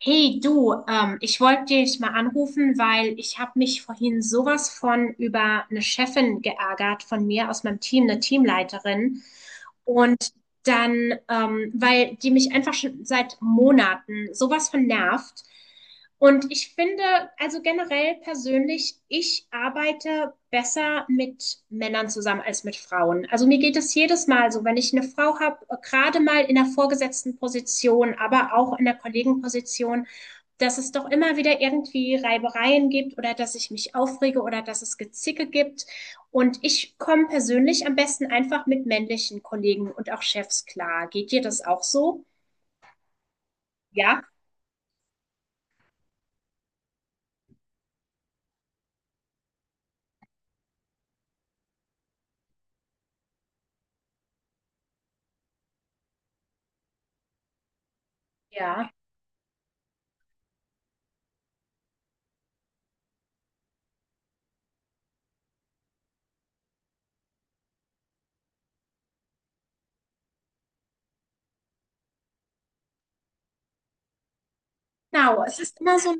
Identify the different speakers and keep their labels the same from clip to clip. Speaker 1: Hey du, ich wollte dich mal anrufen, weil ich habe mich vorhin sowas von über eine Chefin geärgert von mir aus meinem Team, eine Teamleiterin. Und dann, weil die mich einfach schon seit Monaten sowas von nervt. Und ich finde, also generell persönlich, ich arbeite besser mit Männern zusammen als mit Frauen. Also mir geht es jedes Mal so, wenn ich eine Frau habe, gerade mal in der vorgesetzten Position, aber auch in der Kollegenposition, dass es doch immer wieder irgendwie Reibereien gibt oder dass ich mich aufrege oder dass es Gezicke gibt. Und ich komme persönlich am besten einfach mit männlichen Kollegen und auch Chefs klar. Geht dir das auch so? Ja, Ja, genau. Es ist immer so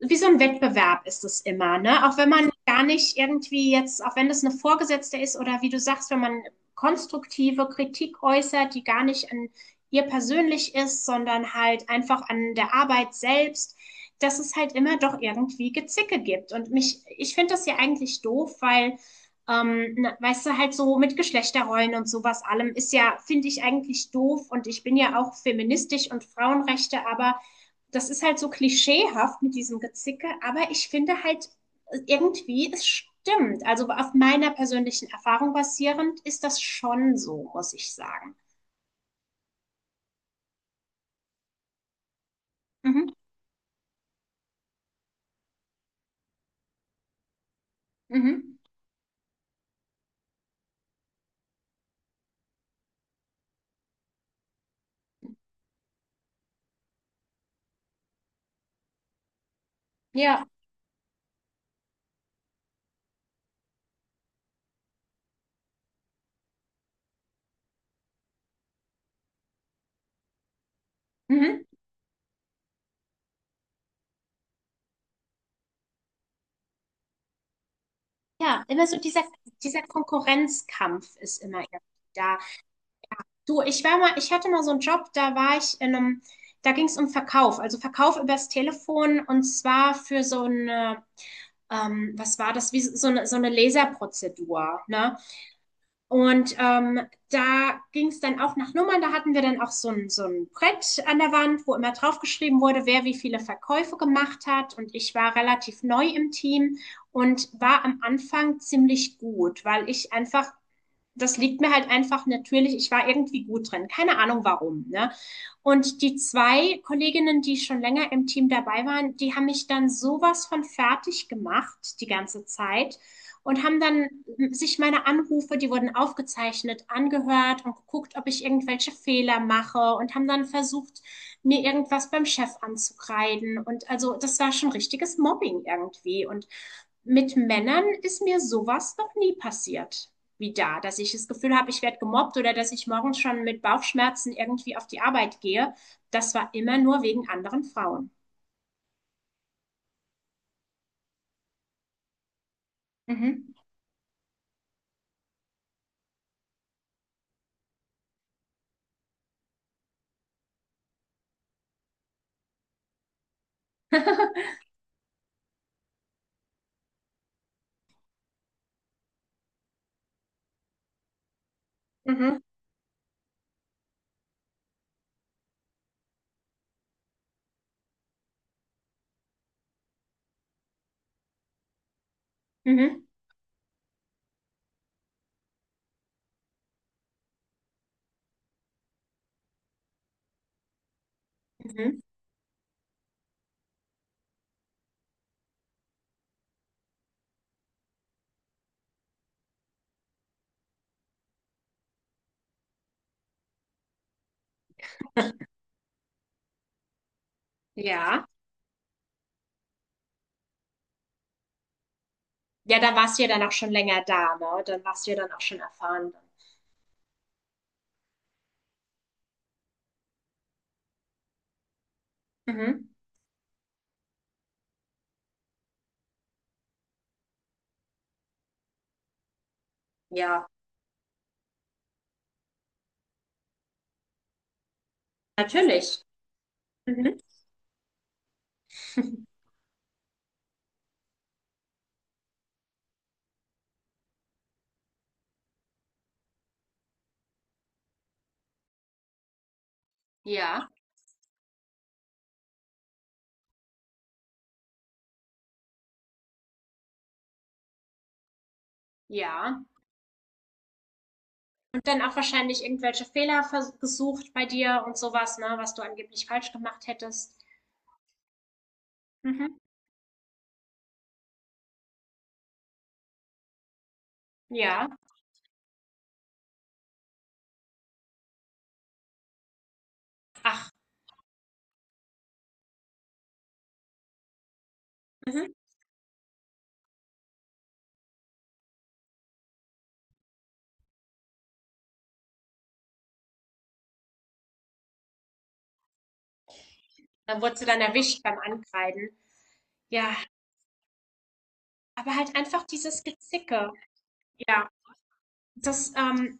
Speaker 1: wie so ein Wettbewerb ist es immer, ne? Auch wenn man gar nicht irgendwie jetzt, auch wenn das eine Vorgesetzte ist oder wie du sagst, wenn man konstruktive Kritik äußert, die gar nicht an ihr persönlich ist, sondern halt einfach an der Arbeit selbst, dass es halt immer doch irgendwie Gezicke gibt. Und mich, ich finde das ja eigentlich doof, weil, na, weißt du, halt so mit Geschlechterrollen und sowas allem ist ja, finde ich eigentlich doof und ich bin ja auch feministisch und Frauenrechte, aber das ist halt so klischeehaft mit diesem Gezicke, aber ich finde halt irgendwie, es stimmt. Also auf meiner persönlichen Erfahrung basierend ist das schon so, muss ich sagen. Mhm. Mhm. Ja. Mhm. Ja, immer so dieser Konkurrenzkampf ist immer irgendwie da. Du, ich hatte mal so einen Job, da war ich da ging es um Verkauf, also Verkauf übers Telefon und zwar für so eine, was war das, wie so eine Laserprozedur, ne? Und da ging es dann auch nach Nummern. Da hatten wir dann auch so ein Brett an der Wand, wo immer draufgeschrieben wurde, wer wie viele Verkäufe gemacht hat. Und ich war relativ neu im Team und war am Anfang ziemlich gut, weil ich einfach das liegt mir halt einfach natürlich, ich war irgendwie gut drin, keine Ahnung warum, ne? Und die zwei Kolleginnen, die schon länger im Team dabei waren, die haben mich dann sowas von fertig gemacht die ganze Zeit und haben dann sich meine Anrufe, die wurden aufgezeichnet, angehört und geguckt, ob ich irgendwelche Fehler mache und haben dann versucht, mir irgendwas beim Chef anzukreiden. Und also das war schon richtiges Mobbing irgendwie. Und mit Männern ist mir sowas noch nie passiert wieder, dass ich das Gefühl habe, ich werde gemobbt oder dass ich morgens schon mit Bauchschmerzen irgendwie auf die Arbeit gehe. Das war immer nur wegen anderen Frauen. Mhm. Mhm. Mhm. Mhm. Ja. Ja, da warst du ja dann auch schon länger da, ne? Dann warst du ja dann auch schon erfahren. Mhm. Ja, natürlich. Mhm. Ja, ja. Und dann auch wahrscheinlich irgendwelche Fehler gesucht bei dir und sowas, ne, was du angeblich falsch gemacht hättest. Mhm. Ja. Ach. Mhm. Da wurde sie dann erwischt beim Ankreiden. Ja, aber halt einfach dieses Gezicke. Ja. Das, ähm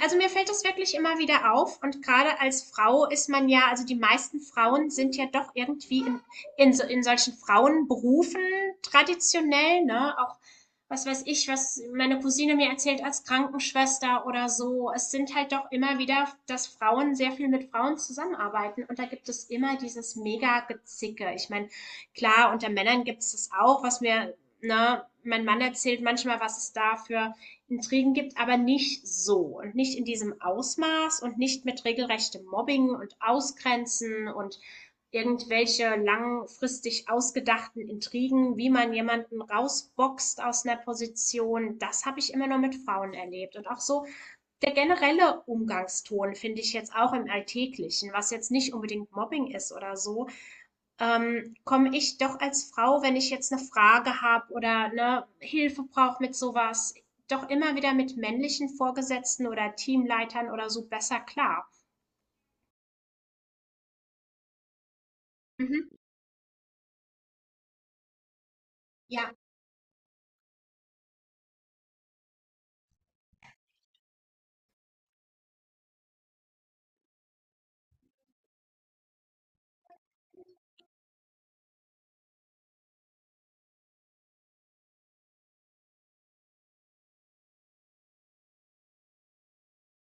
Speaker 1: also mir fällt das wirklich immer wieder auf und gerade als Frau ist man ja also die meisten Frauen sind ja doch irgendwie in solchen Frauenberufen traditionell, ne? Auch, was weiß ich, was meine Cousine mir erzählt als Krankenschwester oder so. Es sind halt doch immer wieder, dass Frauen sehr viel mit Frauen zusammenarbeiten und da gibt es immer dieses Mega-Gezicke. Ich meine, klar, unter Männern gibt es das auch, was mir, ne, mein Mann erzählt manchmal, was es da für Intrigen gibt, aber nicht so und nicht in diesem Ausmaß und nicht mit regelrechtem Mobbing und Ausgrenzen und irgendwelche langfristig ausgedachten Intrigen, wie man jemanden rausboxt aus einer Position, das habe ich immer nur mit Frauen erlebt. Und auch so der generelle Umgangston finde ich jetzt auch im Alltäglichen, was jetzt nicht unbedingt Mobbing ist oder so, komme ich doch als Frau, wenn ich jetzt eine Frage habe oder, ne, Hilfe brauche mit sowas, doch immer wieder mit männlichen Vorgesetzten oder Teamleitern oder so besser klar. Mhm. Ja.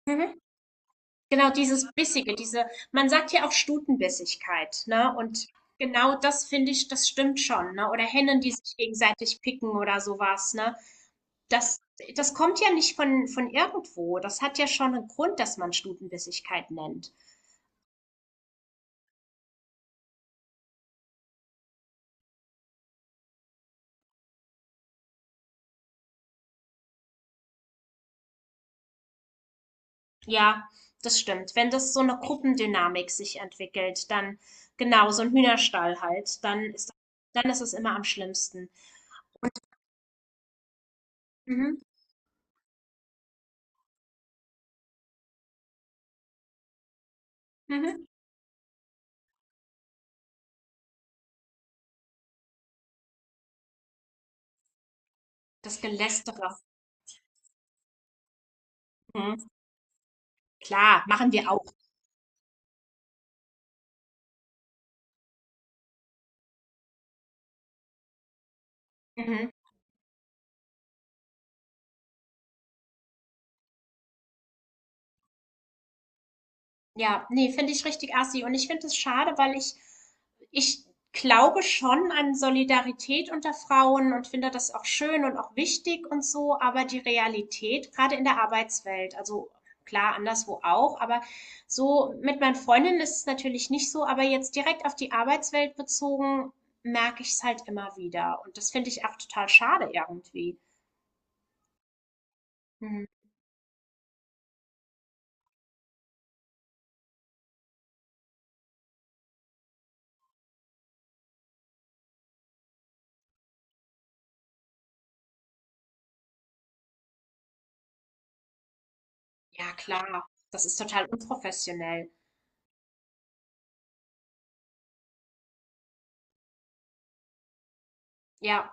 Speaker 1: Mhm. Genau dieses Bissige, diese man sagt ja auch Stutenbissigkeit, ne? Und genau das finde ich, das stimmt schon, ne? Oder Hennen, die sich gegenseitig picken oder sowas, ne? Das Das kommt ja nicht von von irgendwo. Das hat ja schon einen Grund, dass man Stutenbissigkeit nennt. Ja, das stimmt. Wenn das so eine Gruppendynamik sich entwickelt, dann genau, so ein Hühnerstall halt, dann ist es immer am schlimmsten. Mhm, mhm. Das Gelästere. Mhm. Klar, machen wir auch. Mhm. Ja, ne, finde ich richtig assi. Und ich finde es schade, weil ich glaube schon an Solidarität unter Frauen und finde das auch schön und auch wichtig und so, aber die Realität, gerade in der Arbeitswelt, also klar, anderswo auch, aber so mit meinen Freundinnen ist es natürlich nicht so, aber jetzt direkt auf die Arbeitswelt bezogen, merke ich es halt immer wieder. Und das finde ich auch total schade irgendwie. Hm. Ja, klar, das ist total unprofessionell. Ja.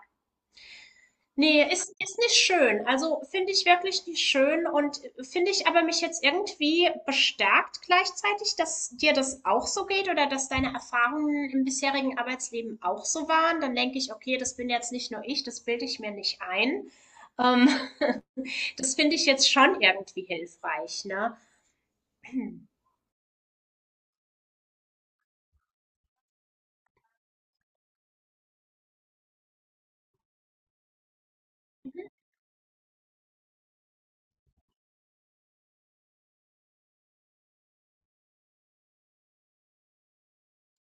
Speaker 1: Nee, ist nicht schön. Also finde ich wirklich nicht schön und finde ich aber mich jetzt irgendwie bestärkt gleichzeitig, dass dir das auch so geht oder dass deine Erfahrungen im bisherigen Arbeitsleben auch so waren. Dann denke ich, okay, das bin jetzt nicht nur ich, das bilde ich mir nicht ein. Ähm, das finde ich jetzt schon irgendwie hilfreich, ne?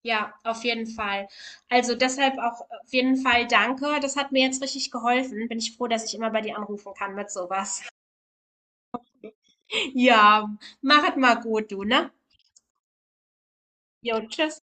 Speaker 1: Ja, auf jeden Fall. Also deshalb auch auf jeden Fall danke. Das hat mir jetzt richtig geholfen. Bin ich froh, dass ich immer bei dir anrufen kann mit sowas. Ja, machet mal gut, du, ne? Jo, tschüss.